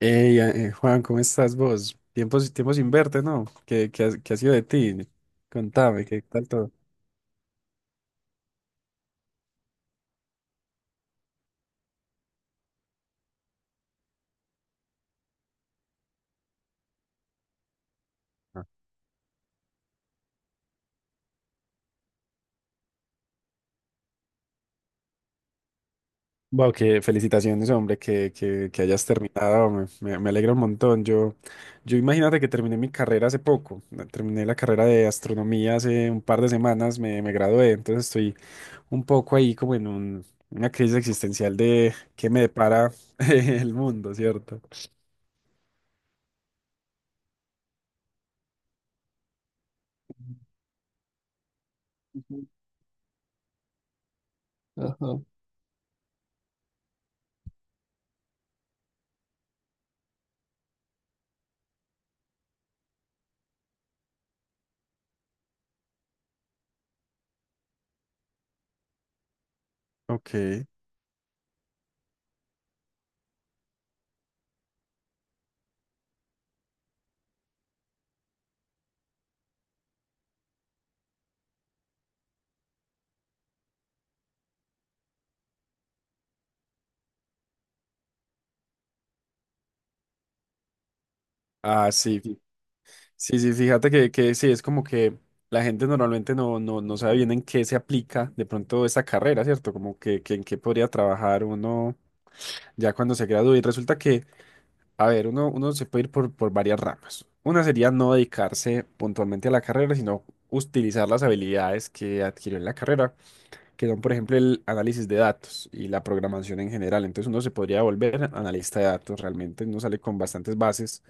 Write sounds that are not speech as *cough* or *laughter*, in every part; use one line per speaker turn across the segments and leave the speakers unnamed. Ey, Juan, ¿cómo estás vos? Tiempos, tiempos sin verte, ¿no? ¿ Qué ha sido de ti? Contame, ¿qué tal todo? Wow, que felicitaciones, hombre, que hayas terminado, me alegra un montón. Yo imagínate que terminé mi carrera hace poco, ¿no? Terminé la carrera de astronomía hace un par de semanas, me gradué, entonces estoy un poco ahí como en una crisis existencial de qué me depara *laughs* el mundo, ¿cierto? Ajá. Ok. Ah, sí. Sí, sí, fíjate que sí, es como que la gente normalmente no sabe bien en qué se aplica de pronto esta carrera, ¿cierto? Como que en qué podría trabajar uno ya cuando se gradúe. Y resulta que, a ver, uno se puede ir por varias ramas. Una sería no dedicarse puntualmente a la carrera, sino utilizar las habilidades que adquirió en la carrera, que son, por ejemplo, el análisis de datos y la programación en general. Entonces uno se podría volver analista de datos, realmente uno sale con bastantes bases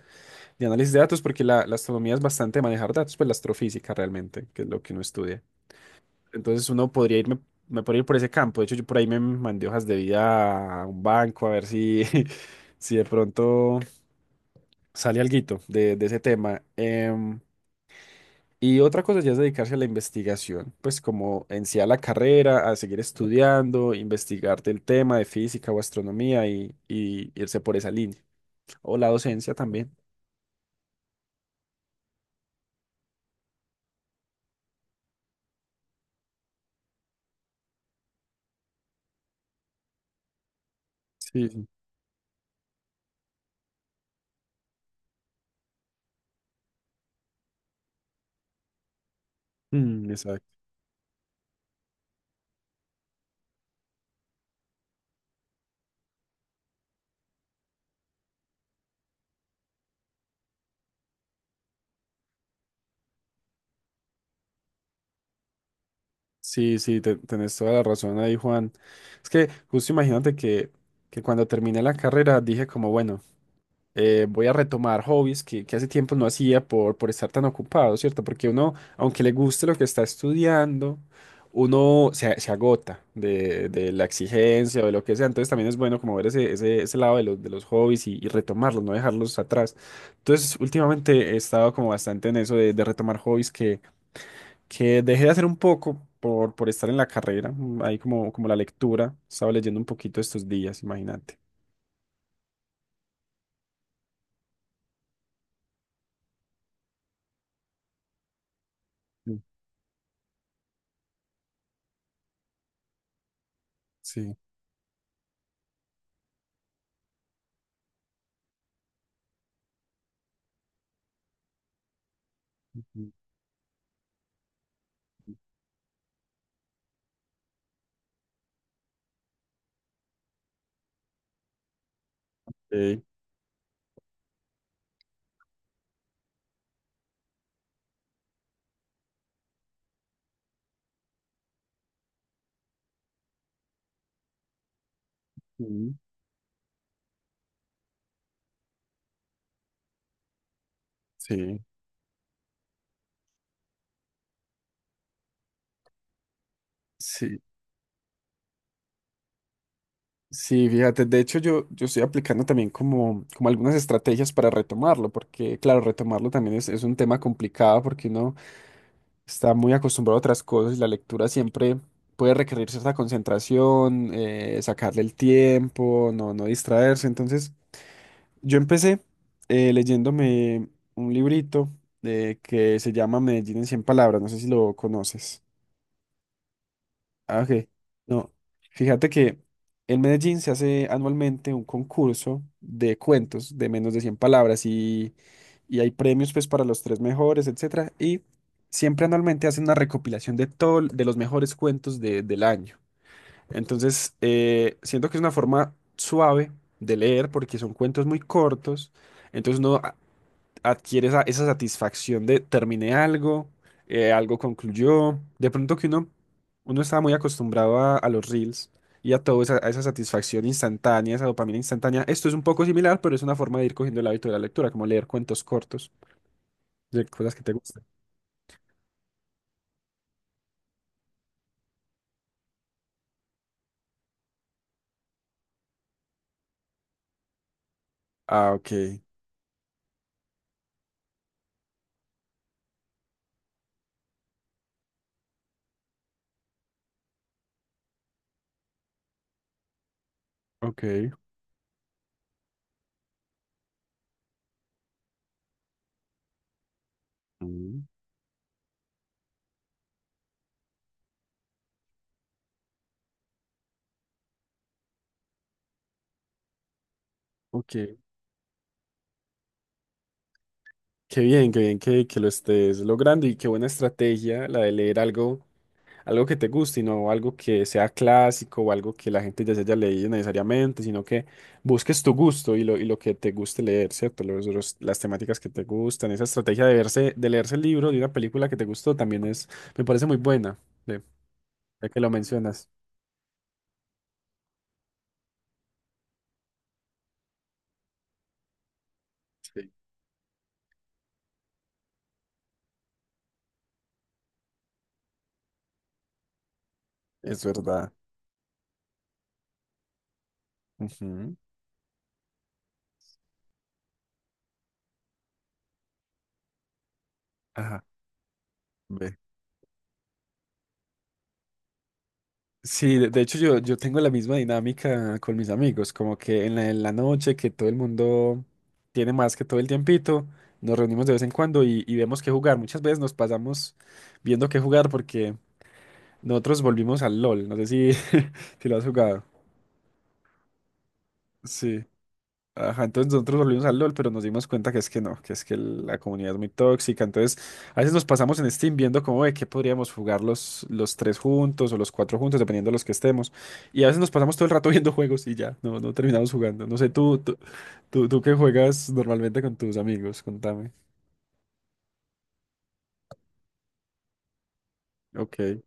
de análisis de datos, porque la astronomía es bastante manejar datos, pues la astrofísica realmente, que es lo que uno estudia. Entonces me podría ir por ese campo. De hecho, yo por ahí me mandé hojas de vida a un banco a ver si, *laughs* si de pronto sale alguito de ese tema. Y otra cosa ya es dedicarse a la investigación, pues como en sí a la carrera, a seguir estudiando, investigar del tema de física o astronomía y irse por esa línea. O la docencia también. Sí, sí. Mm, exacto. Sí, sí, tenés toda la razón ahí, Juan. Es que justo imagínate que cuando terminé la carrera dije como, bueno, voy a retomar hobbies que hace tiempo no hacía por estar tan ocupado, ¿cierto? Porque uno, aunque le guste lo que está estudiando, uno se agota de la exigencia o de lo que sea. Entonces también es bueno como ver ese lado de los hobbies y retomarlos, no dejarlos atrás. Entonces últimamente he estado como bastante en eso de retomar hobbies que dejé de hacer un poco por estar en la carrera, ahí como la lectura, estaba leyendo un poquito estos días, imagínate. Mm. Sí. Mm. eh, mm, sí, sí, sí, fíjate, de hecho yo estoy aplicando también como algunas estrategias para retomarlo, porque claro, retomarlo también es un tema complicado porque uno está muy acostumbrado a otras cosas y la lectura siempre... Puede requerir cierta concentración, sacarle el tiempo, no distraerse. Entonces, yo empecé leyéndome un librito que se llama Medellín en cien palabras, no sé si lo conoces. Ah, ok. No. Fíjate que en Medellín se hace anualmente un concurso de cuentos de menos de 100 palabras y hay premios pues para los tres mejores, etcétera. Y siempre anualmente hacen una recopilación de todo, de los mejores cuentos del año. Entonces, siento que es una forma suave de leer porque son cuentos muy cortos. Entonces, no adquiere esa satisfacción de terminé algo, algo concluyó. De pronto que uno estaba muy acostumbrado a los reels y a toda a esa satisfacción instantánea, esa dopamina instantánea. Esto es un poco similar, pero es una forma de ir cogiendo el hábito de la lectura, como leer cuentos cortos de cosas que te gustan. Ah, ok, ok. Mm, ok. Qué bien que lo estés logrando y qué buena estrategia la de leer algo que te guste y no algo que sea clásico o algo que la gente ya se haya leído necesariamente, sino que busques tu gusto y lo que te guste leer, ¿cierto? Las temáticas que te gustan, esa estrategia de verse, de leerse el libro de una película que te gustó también es, me parece muy buena, de- ya que lo mencionas. Sí. Es verdad. Ujú. Ajá. Ve. Sí, de hecho yo tengo la misma dinámica con mis amigos, como que en en la noche que todo el mundo tiene más que todo el tiempito, nos reunimos de vez en cuando y vemos qué jugar. Muchas veces nos pasamos viendo qué jugar porque nosotros volvimos al LOL, no sé si, *laughs* si lo has jugado. Sí. Ajá, entonces nosotros volvimos al LOL, pero nos dimos cuenta que es que no, que es que la comunidad es muy tóxica. Entonces, a veces nos pasamos en Steam viendo cómo de qué podríamos jugar los tres juntos o los cuatro juntos, dependiendo de los que estemos. Y a veces nos pasamos todo el rato *laughs* viendo juegos y ya, no terminamos jugando. No sé, tú qué juegas normalmente con tus amigos, contame. Ok.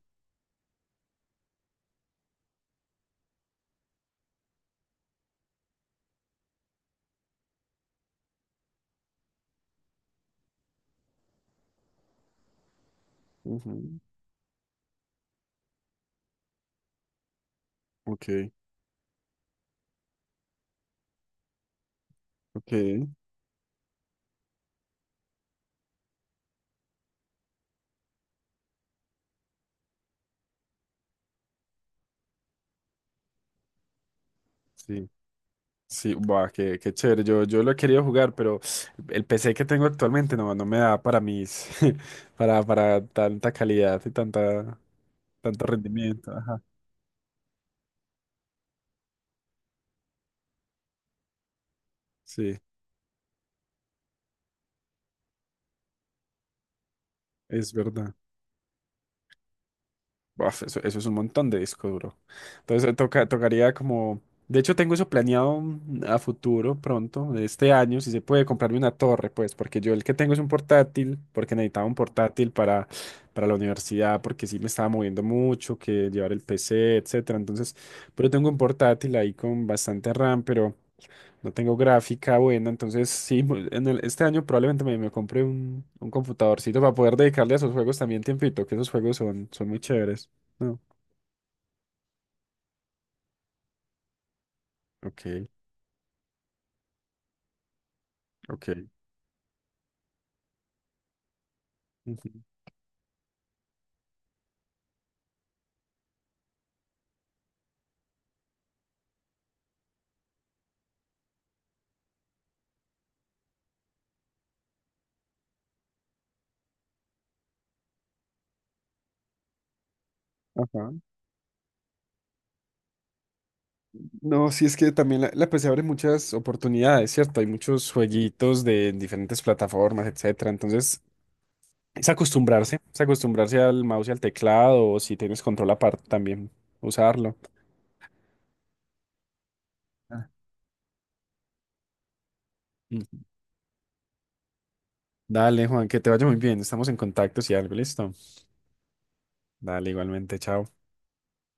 Ujú. Ok, ok, sí. Sí, buah, qué chévere. Yo lo he querido jugar, pero el PC que tengo actualmente no me da para mis, *laughs* para tanta calidad y tanto rendimiento. Ajá. Sí, es verdad. Buf, eso es un montón de disco duro. Entonces tocaría como... De hecho, tengo eso planeado a futuro, pronto, este año, si se puede comprarme una torre, pues, porque yo el que tengo es un portátil, porque necesitaba un portátil para la universidad, porque sí me estaba moviendo mucho, que llevar el PC, etcétera. Entonces, pero tengo un portátil ahí con bastante RAM, pero... No tengo gráfica buena, entonces sí, *laughs* este año probablemente me compre un computadorcito para poder dedicarle a esos juegos también tiempito, que esos juegos son muy chéveres. No, ok, ok. Ujú. Ajá. No, sí es que también la PC abre muchas oportunidades, ¿cierto? Hay muchos jueguitos de en diferentes plataformas, etcétera. Entonces, es acostumbrarse al mouse y al teclado, o si tienes control aparte también, usarlo. Ah. Ujú. Dale, Juan, que te vaya muy bien. Estamos en contacto si algo, listo. Dale, igualmente, chao.